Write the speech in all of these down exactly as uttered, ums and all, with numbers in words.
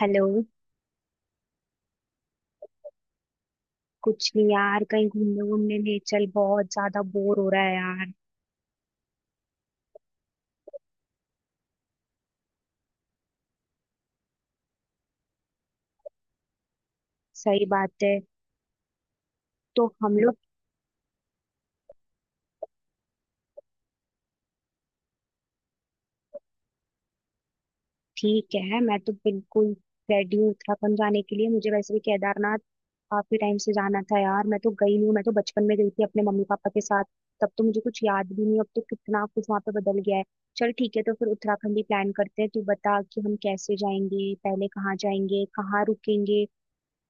Hello. कुछ नहीं यार, कहीं घूमने घूमने नहीं चल, बहुत ज्यादा बोर हो रहा है यार। सही बात है। तो हम लोग, ठीक है मैं तो बिल्कुल रेडी हूँ उत्तराखंड जाने के लिए। मुझे वैसे भी केदारनाथ काफी टाइम से जाना था यार, मैं तो गई नहीं हूँ। मैं तो बचपन में गई थी अपने मम्मी पापा के साथ, तब तो मुझे कुछ याद भी नहीं। अब तो कितना कुछ वहाँ पे बदल गया है। चल ठीक है, तो फिर उत्तराखंड ही प्लान करते हैं। तू बता कि हम कैसे जाएंगे, पहले कहाँ जाएंगे, कहाँ रुकेंगे,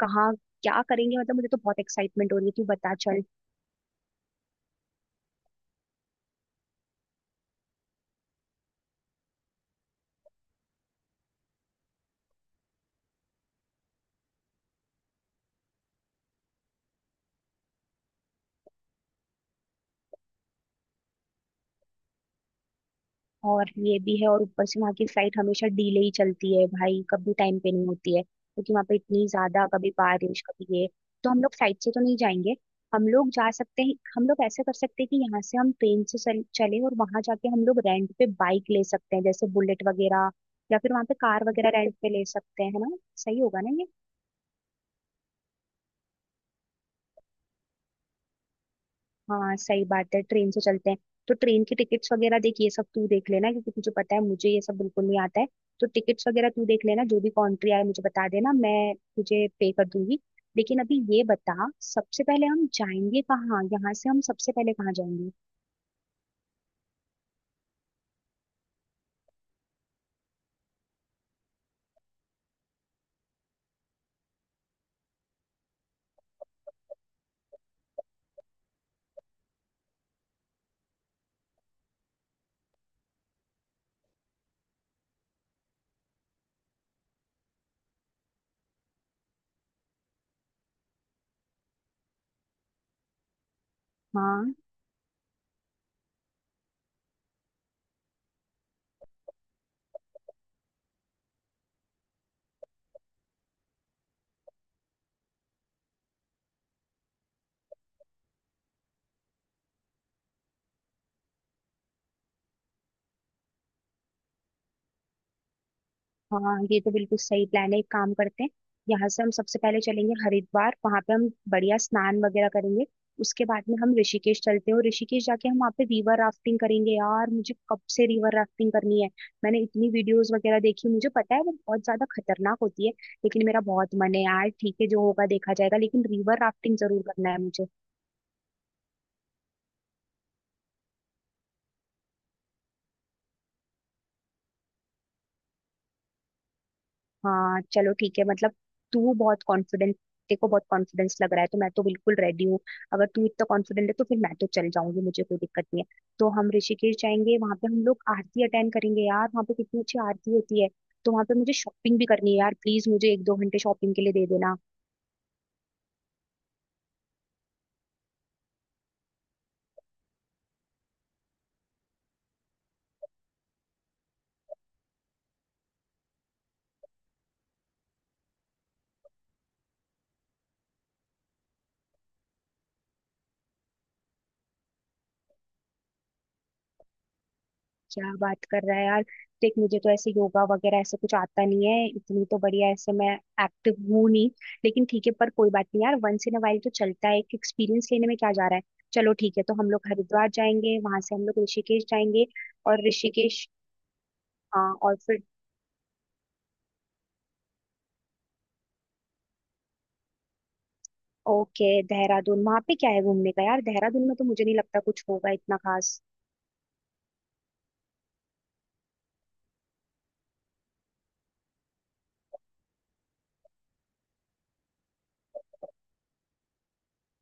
कहाँ क्या करेंगे। मतलब मुझे तो बहुत एक्साइटमेंट हो रही है, तू बता चल। और ये भी है, और ऊपर से वहाँ की फ्लाइट हमेशा डिले ही चलती है भाई, कभी टाइम पे नहीं होती है क्योंकि वहाँ पे इतनी ज्यादा कभी बारिश कभी ये। तो हम लोग फ्लाइट से तो नहीं जाएंगे। हम लोग जा सकते हैं, हम लोग ऐसा कर सकते हैं कि यहाँ से हम ट्रेन से चल, चले और वहां जाके हम लोग रेंट पे बाइक ले सकते हैं, जैसे बुलेट वगैरह। या फिर वहाँ पे कार वगैरह रेंट पे ले सकते हैं, है ना? सही होगा ना ये? हाँ सही बात है, ट्रेन से चलते हैं। तो ट्रेन की टिकट्स वगैरह देख, ये सब तू देख लेना क्योंकि तुझे पता है मुझे ये सब बिल्कुल नहीं आता है। तो टिकट्स वगैरह तू देख लेना, जो भी कंट्री आए मुझे बता देना, मैं तुझे पे कर दूंगी। लेकिन अभी ये बता, सबसे पहले हम जाएंगे कहाँ? यहाँ से हम सबसे पहले कहाँ जाएंगे? हाँ हाँ, ये तो बिल्कुल सही प्लान है, एक काम करते हैं। यहाँ से हम सबसे पहले चलेंगे हरिद्वार, वहां पे हम बढ़िया स्नान वगैरह करेंगे। उसके बाद में हम ऋषिकेश चलते हैं, और ऋषिकेश जाके हम वहाँ पे रिवर राफ्टिंग करेंगे। यार मुझे कब से रिवर राफ्टिंग करनी है। मैंने इतनी वीडियोस वगैरह देखी, मुझे पता है वो बहुत ज्यादा खतरनाक होती है। लेकिन मेरा बहुत मन है यार, ठीक है जो होगा देखा जाएगा, लेकिन रिवर राफ्टिंग जरूर करना है मुझे। हाँ चलो ठीक है मतलब, तू बहुत कॉन्फिडेंट, तेरे को बहुत कॉन्फिडेंस लग रहा है तो मैं तो बिल्कुल रेडी हूँ। अगर तू इतना कॉन्फिडेंट है तो फिर मैं तो चल जाऊंगी, मुझे कोई दिक्कत नहीं है। तो हम ऋषिकेश जाएंगे, वहां पे हम लोग आरती अटेंड करेंगे। यार वहां पे कितनी अच्छी आरती होती है। तो वहां पे मुझे शॉपिंग भी करनी है यार, प्लीज मुझे एक दो घंटे शॉपिंग के लिए दे देना। क्या बात कर रहा है यार, देख मुझे तो ऐसे योगा वगैरह ऐसे कुछ आता नहीं है, इतनी तो बढ़िया ऐसे मैं एक्टिव हूँ नहीं। लेकिन ठीक है, पर कोई बात नहीं यार, वंस इन अ वाइल तो चलता है, एक एक्सपीरियंस लेने में क्या जा रहा है। चलो ठीक है, तो हम लोग हरिद्वार जाएंगे, वहां से हम लोग ऋषिकेश जाएंगे और ऋषिकेश। हाँ और फिर ओके देहरादून, वहां पे क्या है घूमने का यार? देहरादून में तो मुझे नहीं लगता कुछ होगा इतना खास।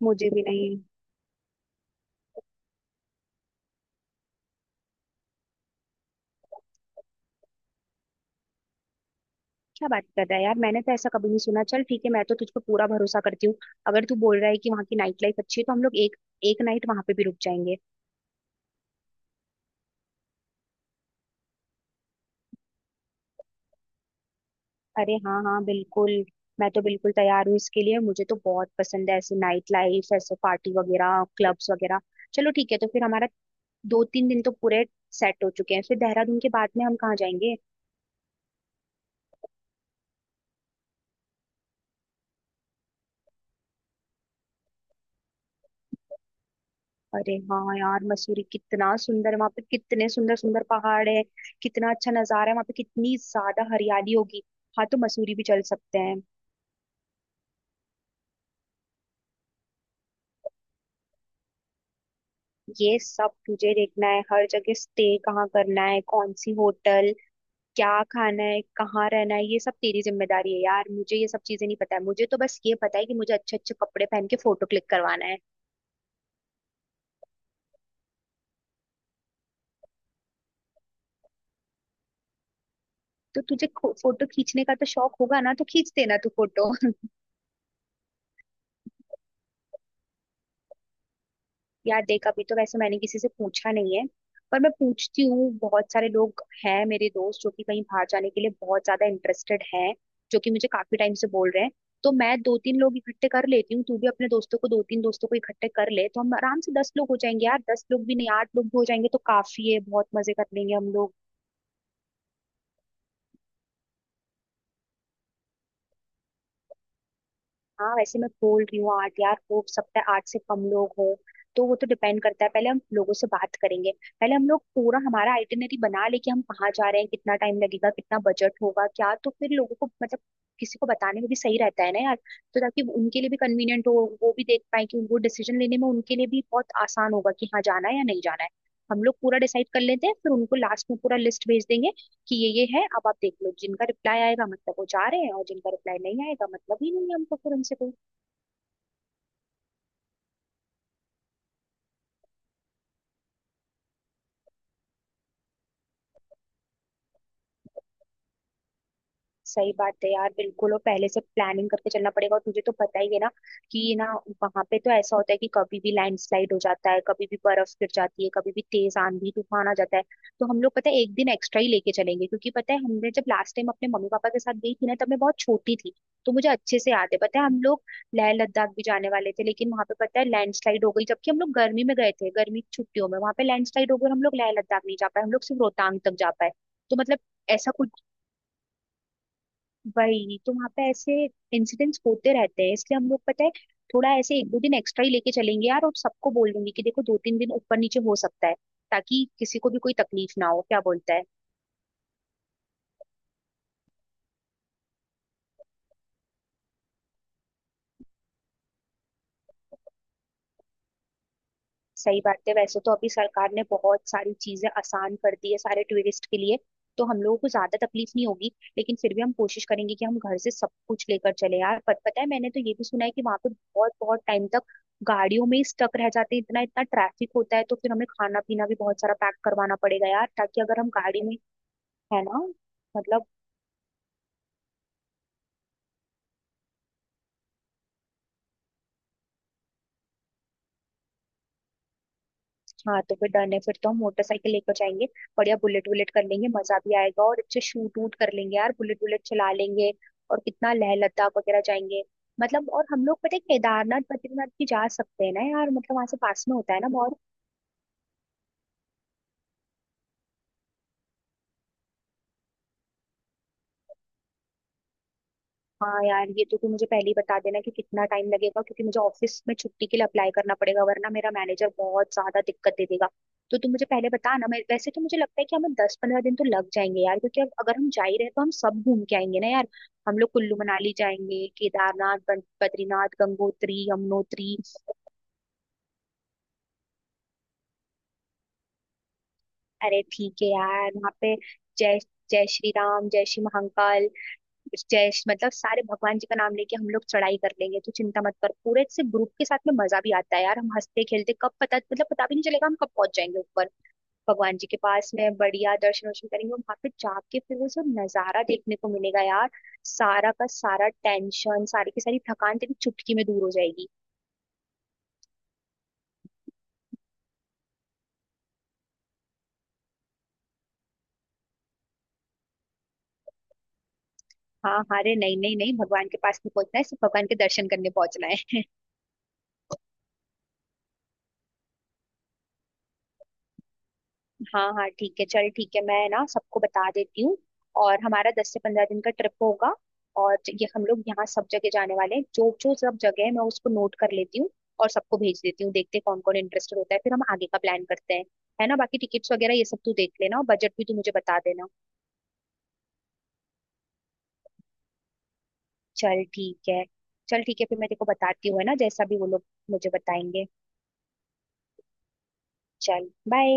मुझे भी नहीं। क्या बात कर रहा है यार, मैंने तो ऐसा कभी नहीं सुना। चल ठीक है, मैं तो तुझ पे पूरा भरोसा करती हूँ। अगर तू बोल रहा है कि वहाँ की नाइट लाइफ अच्छी है तो हम लोग एक एक नाइट वहां पे भी रुक जाएंगे। अरे हाँ हाँ बिल्कुल, मैं तो बिल्कुल तैयार हूँ इसके लिए। मुझे तो बहुत पसंद है ऐसे नाइट लाइफ, ऐसे पार्टी वगैरह, क्लब्स वगैरह। चलो ठीक है तो फिर हमारा दो तीन दिन तो पूरे सेट हो चुके हैं। फिर देहरादून के बाद में हम कहाँ जाएंगे? अरे हाँ यार मसूरी कितना सुंदर है। वहां पे कितने सुंदर सुंदर पहाड़ है, कितना अच्छा नजारा है, वहां पे कितनी ज्यादा हरियाली होगी। हाँ तो मसूरी भी चल सकते हैं। ये सब तुझे देखना है, हर जगह स्टे कहाँ करना है, कौन सी होटल, क्या खाना है, कहाँ रहना है, ये सब तेरी जिम्मेदारी है यार। मुझे ये सब चीजें नहीं पता है, मुझे तो बस ये पता है कि मुझे अच्छे अच्छे कपड़े पहन के फोटो क्लिक करवाना है। तो तुझे खो- फोटो खींचने का तो शौक होगा ना, तो खींच देना तू फोटो। यार देख अभी तो वैसे मैंने किसी से पूछा नहीं है, पर मैं पूछती हूँ। बहुत सारे लोग हैं मेरे दोस्त, जो कि कहीं बाहर जाने के लिए बहुत ज्यादा इंटरेस्टेड हैं, जो कि मुझे काफी टाइम से बोल रहे हैं। तो मैं दो तीन लोग इकट्ठे कर लेती हूँ, तू भी अपने दोस्तों को, दो तीन दोस्तों को इकट्ठे कर ले। तो हम आराम से दस लोग हो जाएंगे यार, दस लोग भी नहीं आठ लोग भी हो जाएंगे तो काफी है, बहुत मजे कर लेंगे हम लोग। हाँ वैसे मैं बोल रही हूँ आठ यार, हो सकता है आठ से कम लोग हो। तो वो तो डिपेंड करता है, पहले हम लोगों से बात करेंगे। पहले हम लोग पूरा हमारा आइटिनरी बना ले कि हम कहाँ जा रहे हैं, कितना टाइम लगेगा, कितना बजट होगा क्या, तो फिर लोगों को मतलब किसी को बताने में भी सही रहता है ना यार। तो ताकि वो- उनके लिए भी कन्वीनियंट हो, वो भी देख पाए कि, वो डिसीजन लेने में उनके लिए भी बहुत आसान होगा कि हाँ जाना है या नहीं जाना है। हम लोग पूरा डिसाइड कर लेते हैं, फिर उनको लास्ट में पूरा लिस्ट भेज देंगे कि ये ये है, अब आप देख लो। जिनका रिप्लाई आएगा मतलब वो जा रहे हैं, और जिनका रिप्लाई नहीं आएगा मतलब ही नहीं है हमको, फिर उनसे कोई। सही बात है यार, बिल्कुल, और पहले से प्लानिंग करके चलना पड़ेगा। और तुझे तो पता ही है ना कि ये ना, वहां पे तो ऐसा होता है कि कभी भी लैंडस्लाइड हो जाता है, कभी भी बर्फ गिर जाती है, कभी भी तेज आंधी तूफान आ जाता है। तो हम लोग पता है एक दिन एक्स्ट्रा ही लेके चलेंगे, क्योंकि पता है हमने जब लास्ट टाइम अपने मम्मी पापा के साथ गई थी ना, तब मैं बहुत छोटी थी। तो मुझे अच्छे से याद है, पता है हम लोग लेह लद्दाख भी जाने वाले थे, लेकिन वहां पे पता है लैंडस्लाइड हो गई। जबकि हम लोग गर्मी में गए थे, गर्मी की छुट्टियों में वहां पे लैंडस्लाइड हो गई और हम लोग लेह लद्दाख नहीं जा पाए, हम लोग सिर्फ रोहतांग तक जा पाए। तो मतलब ऐसा कुछ, वही तो वहां पे ऐसे इंसिडेंट्स होते रहते हैं, इसलिए हम लोग पता है थोड़ा ऐसे एक दो दिन एक्स्ट्रा ही लेके चलेंगे यार। और सबको बोल देंगे कि देखो दो तीन दिन ऊपर नीचे हो सकता है, ताकि किसी को भी कोई तकलीफ ना हो, क्या बोलता है? सही बात है, वैसे तो अभी सरकार ने बहुत सारी चीजें आसान कर दी है सारे टूरिस्ट के लिए, तो हम लोगों को ज्यादा तकलीफ नहीं होगी। लेकिन फिर भी हम कोशिश करेंगे कि हम घर से सब कुछ लेकर चले यार। पर पता है मैंने तो ये भी सुना है कि वहां पे बहुत बहुत टाइम तक गाड़ियों में ही स्टक रह जाते हैं, इतना इतना ट्रैफिक होता है। तो फिर हमें खाना पीना भी बहुत सारा पैक करवाना पड़ेगा यार, ताकि अगर हम गाड़ी में, है ना? मतलब हाँ, तो फिर डन है, फिर तो हम मोटरसाइकिल लेकर जाएंगे। बढ़िया बुलेट वुलेट कर लेंगे, मजा भी आएगा और अच्छे शूट वूट कर लेंगे यार, बुलेट वुलेट चला लेंगे। और कितना, लेह लद्दाख वगैरह जाएंगे मतलब, और हम लोग पता है केदारनाथ बद्रीनाथ भी जा सकते हैं ना यार, मतलब वहां से पास में होता है ना बहुत। हाँ यार ये तो तू मुझे पहले ही बता देना कि कितना टाइम लगेगा, क्योंकि मुझे ऑफिस में छुट्टी के लिए अप्लाई करना पड़ेगा, वरना मेरा मैनेजर बहुत ज्यादा दिक्कत दे देगा। तो तू मुझे पहले बता ना, मैं वैसे तो मुझे लगता है कि हमें दस पंद्रह दिन तो लग जाएंगे यार, क्योंकि अब अगर हम जा ही रहे तो हम सब घूम के आएंगे ना यार। हम लोग कुल्लू मनाली जाएंगे, केदारनाथ बन- बद्रीनाथ, गंगोत्री, यमुनोत्री। अरे ठीक है यार, वहाँ पे जय जय श्री राम, जय श्री महाकाल, जयश मतलब सारे भगवान जी का नाम लेके हम लोग चढ़ाई कर लेंगे, तो चिंता मत कर। पूरे से ग्रुप के साथ में मजा भी आता है यार, हम हंसते खेलते कब, पता मतलब पता भी नहीं चलेगा हम कब पहुंच जाएंगे ऊपर। भगवान जी के पास में बढ़िया दर्शन वर्शन करेंगे, और वहां पे जाके फिर वो सब नजारा देखने को मिलेगा यार। सारा का सारा टेंशन, सारी की सारी थकान तेरी चुटकी में दूर हो जाएगी। हाँ हाँ, अरे नहीं नहीं नहीं, भगवान के पास नहीं पहुंचना है, सिर्फ भगवान के दर्शन करने पहुंचना है। हाँ हाँ ठीक है, चल ठीक है मैं ना सबको बता देती हूँ। और हमारा दस से पंद्रह दिन का ट्रिप होगा, और ये हम लोग यहाँ सब जगह जाने वाले हैं, जो जो सब जगह है मैं उसको नोट कर लेती हूँ। और सबको भेज देती हूँ, देखते हैं कौन कौन इंटरेस्टेड होता है, फिर हम आगे का प्लान करते हैं। है ना, बाकी टिकट्स वगैरह ये सब तू देख लेना, और बजट भी तू मुझे बता देना। चल ठीक है, चल ठीक है फिर मैं तेरे को बताती हूँ, है ना जैसा भी वो लोग मुझे बताएंगे। चल बाय।